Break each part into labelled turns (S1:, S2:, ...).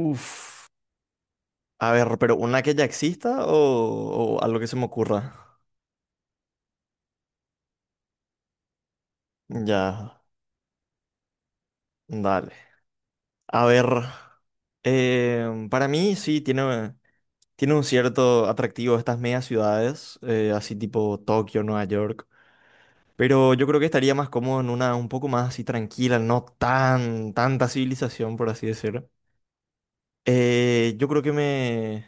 S1: Uf. A ver, pero una que ya exista o algo que se me ocurra. Ya, dale. A ver, para mí sí tiene un cierto atractivo estas megas ciudades, así tipo Tokio, Nueva York. Pero yo creo que estaría más cómodo en una un poco más así tranquila, no tanta civilización, por así decirlo. Yo creo que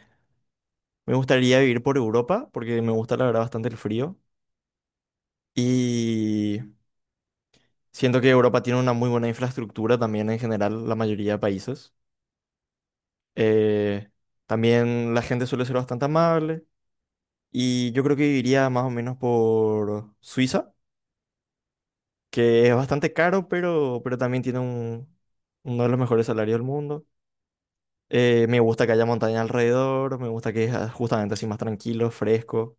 S1: me gustaría vivir por Europa, porque me gusta la verdad bastante el frío. Y Siento que Europa tiene una muy buena infraestructura también en general, la mayoría de países. Eh, también la gente suele ser bastante amable y yo creo que iría más o menos por Suiza, que es bastante caro, pero también tiene uno de los mejores salarios del mundo. Me gusta que haya montaña alrededor, me gusta que es justamente así más tranquilo, fresco.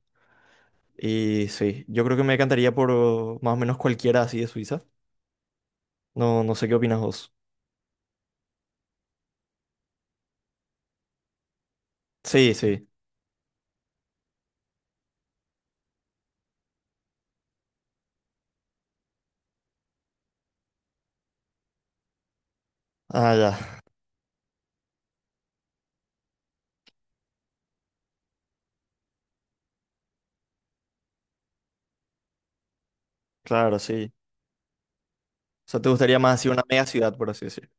S1: Y sí, yo creo que me encantaría por más o menos cualquiera así de Suiza. No, no sé qué opinas vos. Sí, sí. Ah, ya. Claro, sí. O sea, te gustaría más así una mega ciudad, por así decir.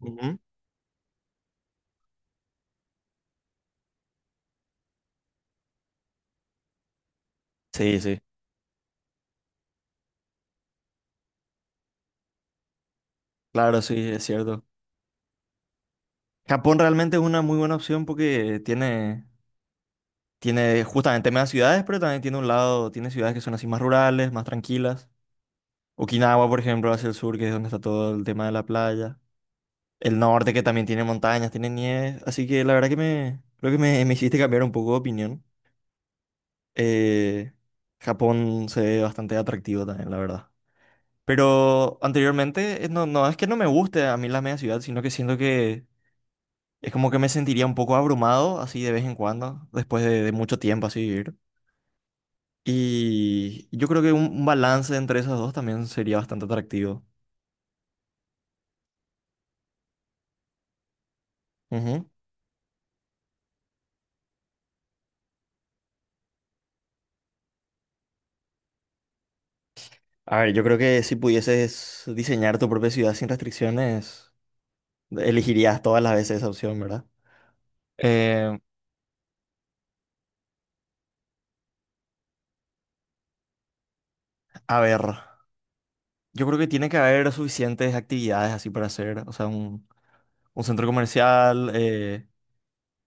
S1: Ujú. Sí, sí, claro, sí, es cierto. Japón realmente es una muy buena opción porque tiene justamente mega ciudades, pero también tiene un tiene ciudades que son así más rurales, más tranquilas. Okinawa, por ejemplo, hacia el sur, que es donde está todo el tema de la playa. El norte, que también tiene montañas, tiene nieve. Así que la verdad que creo que me hiciste cambiar un poco de opinión. Eh, Japón se ve bastante atractivo también, la verdad. Pero anteriormente, no, no es que no me guste a mí la media ciudad, sino que siento que es como que me sentiría un poco abrumado así de vez en cuando, después de mucho tiempo así vivir. Y yo creo que un balance entre esos dos también sería bastante atractivo. Ujú. A ver, yo creo que si pudieses diseñar tu propia ciudad sin restricciones, elegirías todas las veces esa opción, ¿verdad? Eh, a ver, yo creo que tiene que haber suficientes actividades así para hacer, o sea, un centro comercial.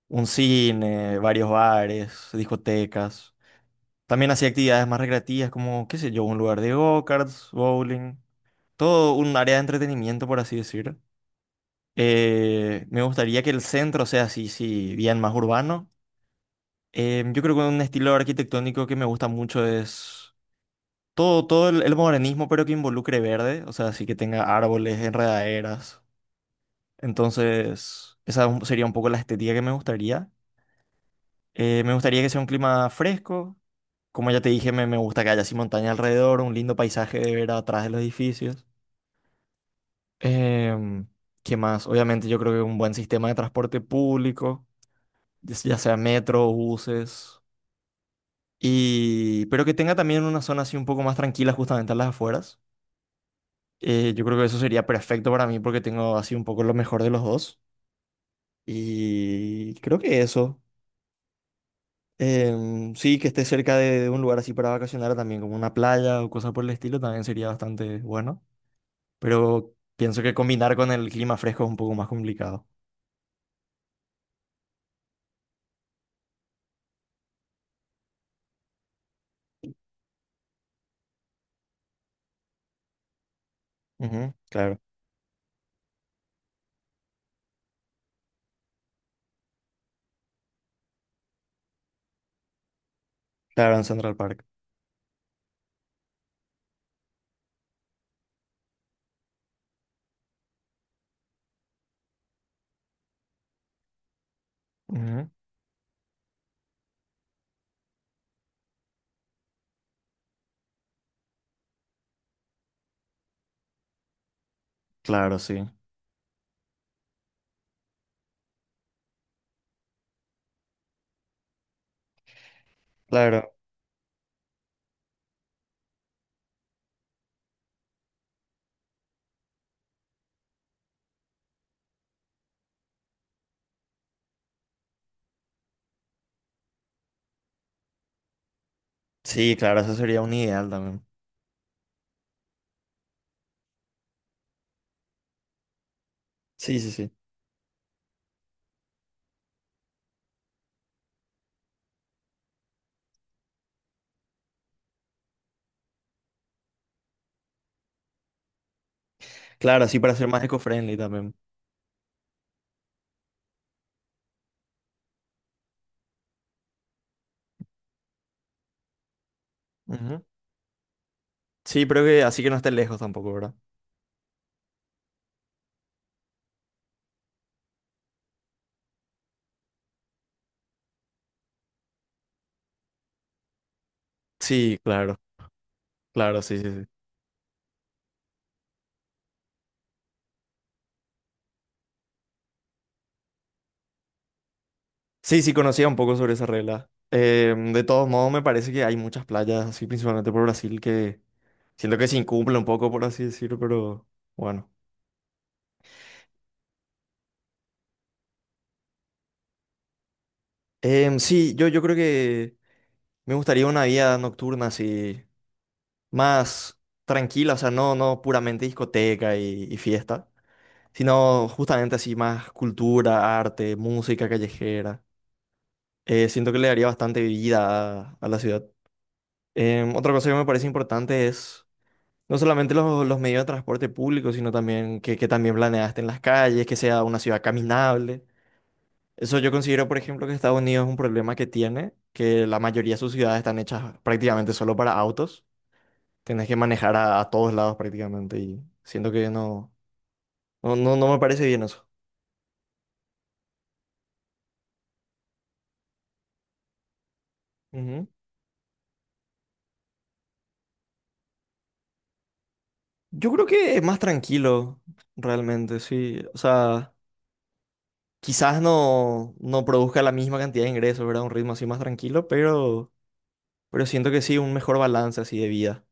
S1: Un cine, varios bares, discotecas. También hacía actividades más recreativas como, qué sé yo, un lugar de go-karts, bowling. Todo un área de entretenimiento, por así decir. Me gustaría que el centro sea así, sí, bien más urbano. Yo creo que un estilo arquitectónico que me gusta mucho es todo el modernismo, pero que involucre verde. O sea, así que tenga árboles, enredaderas. Entonces, sería un poco la estética que me gustaría. Me gustaría que sea un clima fresco. Como ya te dije, me gusta que haya así montaña alrededor, un lindo paisaje de ver atrás de los edificios. Em, ¿Qué más? Obviamente yo creo que un buen sistema de transporte público, ya sea metro, buses, y pero que tenga también una zona así un poco más tranquila justamente a las afueras. Yo creo que eso sería perfecto para mí porque tengo así un poco lo mejor de los dos. Y creo que eso. Sí, que esté cerca de un lugar así para vacacionar también, como una playa o cosas por el estilo, también sería bastante bueno. Pero pienso que combinar con el clima fresco es un poco más complicado. Ujú, claro, claro, en Central Park. Ujú, claro, sí. Claro, sí, claro, eso sería un ideal también. Sí, sí, sí. Claro, así para ser más eco-friendly también. Ujú. Sí, pero que así que no esté lejos tampoco, ¿verdad? Sí, claro, claro, sí, sí, sí. Sí, sí, conocía un poco sobre esa regla. De todos modos, me parece que hay muchas playas, así principalmente por Brasil, que siento que se incumple un poco, por así decirlo, pero bueno. Sí, yo creo que me gustaría una vida nocturna así, más tranquila, o sea, no puramente discoteca y fiesta, sino justamente así más cultura, arte, música callejera. Siento que le daría bastante vida a la ciudad. Otra cosa que me parece importante es no solamente los medios de transporte público, sino también que también planeaste en las calles, que sea una ciudad caminable. Eso yo considero, por ejemplo, que Estados Unidos es un problema que tiene, que la mayoría de sus ciudades están hechas prácticamente solo para autos. Tienes que manejar a todos lados prácticamente y siento que no me parece bien eso. Ujú. Yo creo que es más tranquilo, realmente, sí. O sea, quizás no produzca la misma cantidad de ingresos, ¿verdad? Un ritmo así más tranquilo, pero siento que sí, un mejor balance así de vida.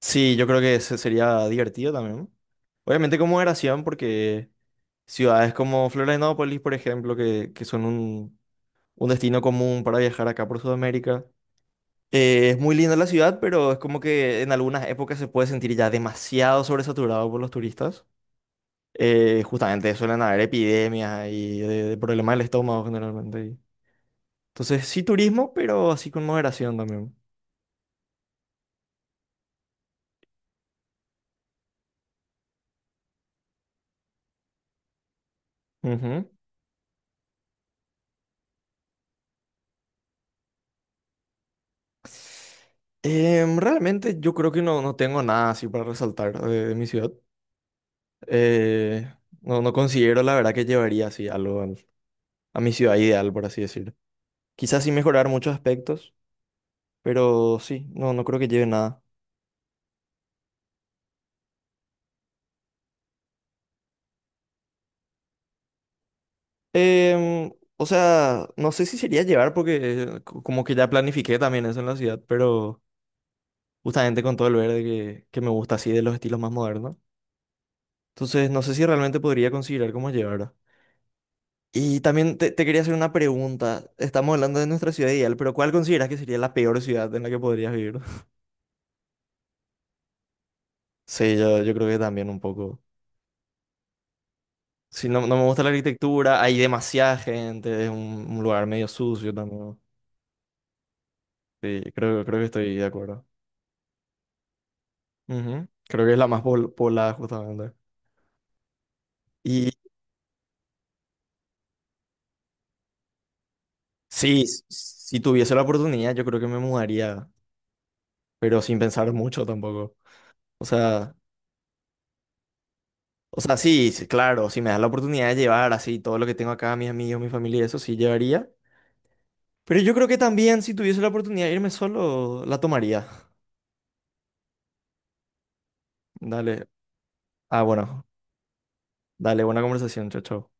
S1: Sí, yo creo que ese sería divertido también. Obviamente como moderación, porque ciudades como Florianópolis, por ejemplo, que son un destino común para viajar acá por Sudamérica. Es muy linda la ciudad, pero es como que en algunas épocas se puede sentir ya demasiado sobresaturado por los turistas. Justamente suelen haber epidemias y de problemas del estómago generalmente. Entonces sí turismo, pero así con moderación también. Ujú. Realmente yo creo que no, no tengo nada así para resaltar de mi ciudad. Eh, no, no considero la verdad que llevaría así a mi ciudad ideal, por así decirlo. Quizás sí mejorar muchos aspectos, pero sí, no, no creo que lleve nada. O sea, no sé si sería llevar porque como que ya planifiqué también eso en la ciudad, pero justamente con todo el verde que me gusta así de los estilos más modernos. Entonces no sé si realmente podría considerar como llevar. Y también te quería hacer una pregunta. Estamos hablando de nuestra ciudad ideal, pero ¿cuál consideras que sería la peor ciudad en la que podrías vivir? Sí, yo creo que también un poco. Sí, no, no me gusta la arquitectura, hay demasiada gente, es un lugar medio sucio también. Sí, creo que estoy de acuerdo. Ujú. Creo que es la más poblada justamente. Y sí, si tuviese la oportunidad, yo creo que me mudaría, pero sin pensar mucho tampoco. O sea, o sea, sí, sí, claro, si me das la oportunidad de llevar así todo lo que tengo acá, mis amigos, mi familia, eso sí llevaría. Pero yo creo que también si tuviese la oportunidad de irme solo, la tomaría. Dale. Ah, bueno. Dale, buena conversación. Chao, chao.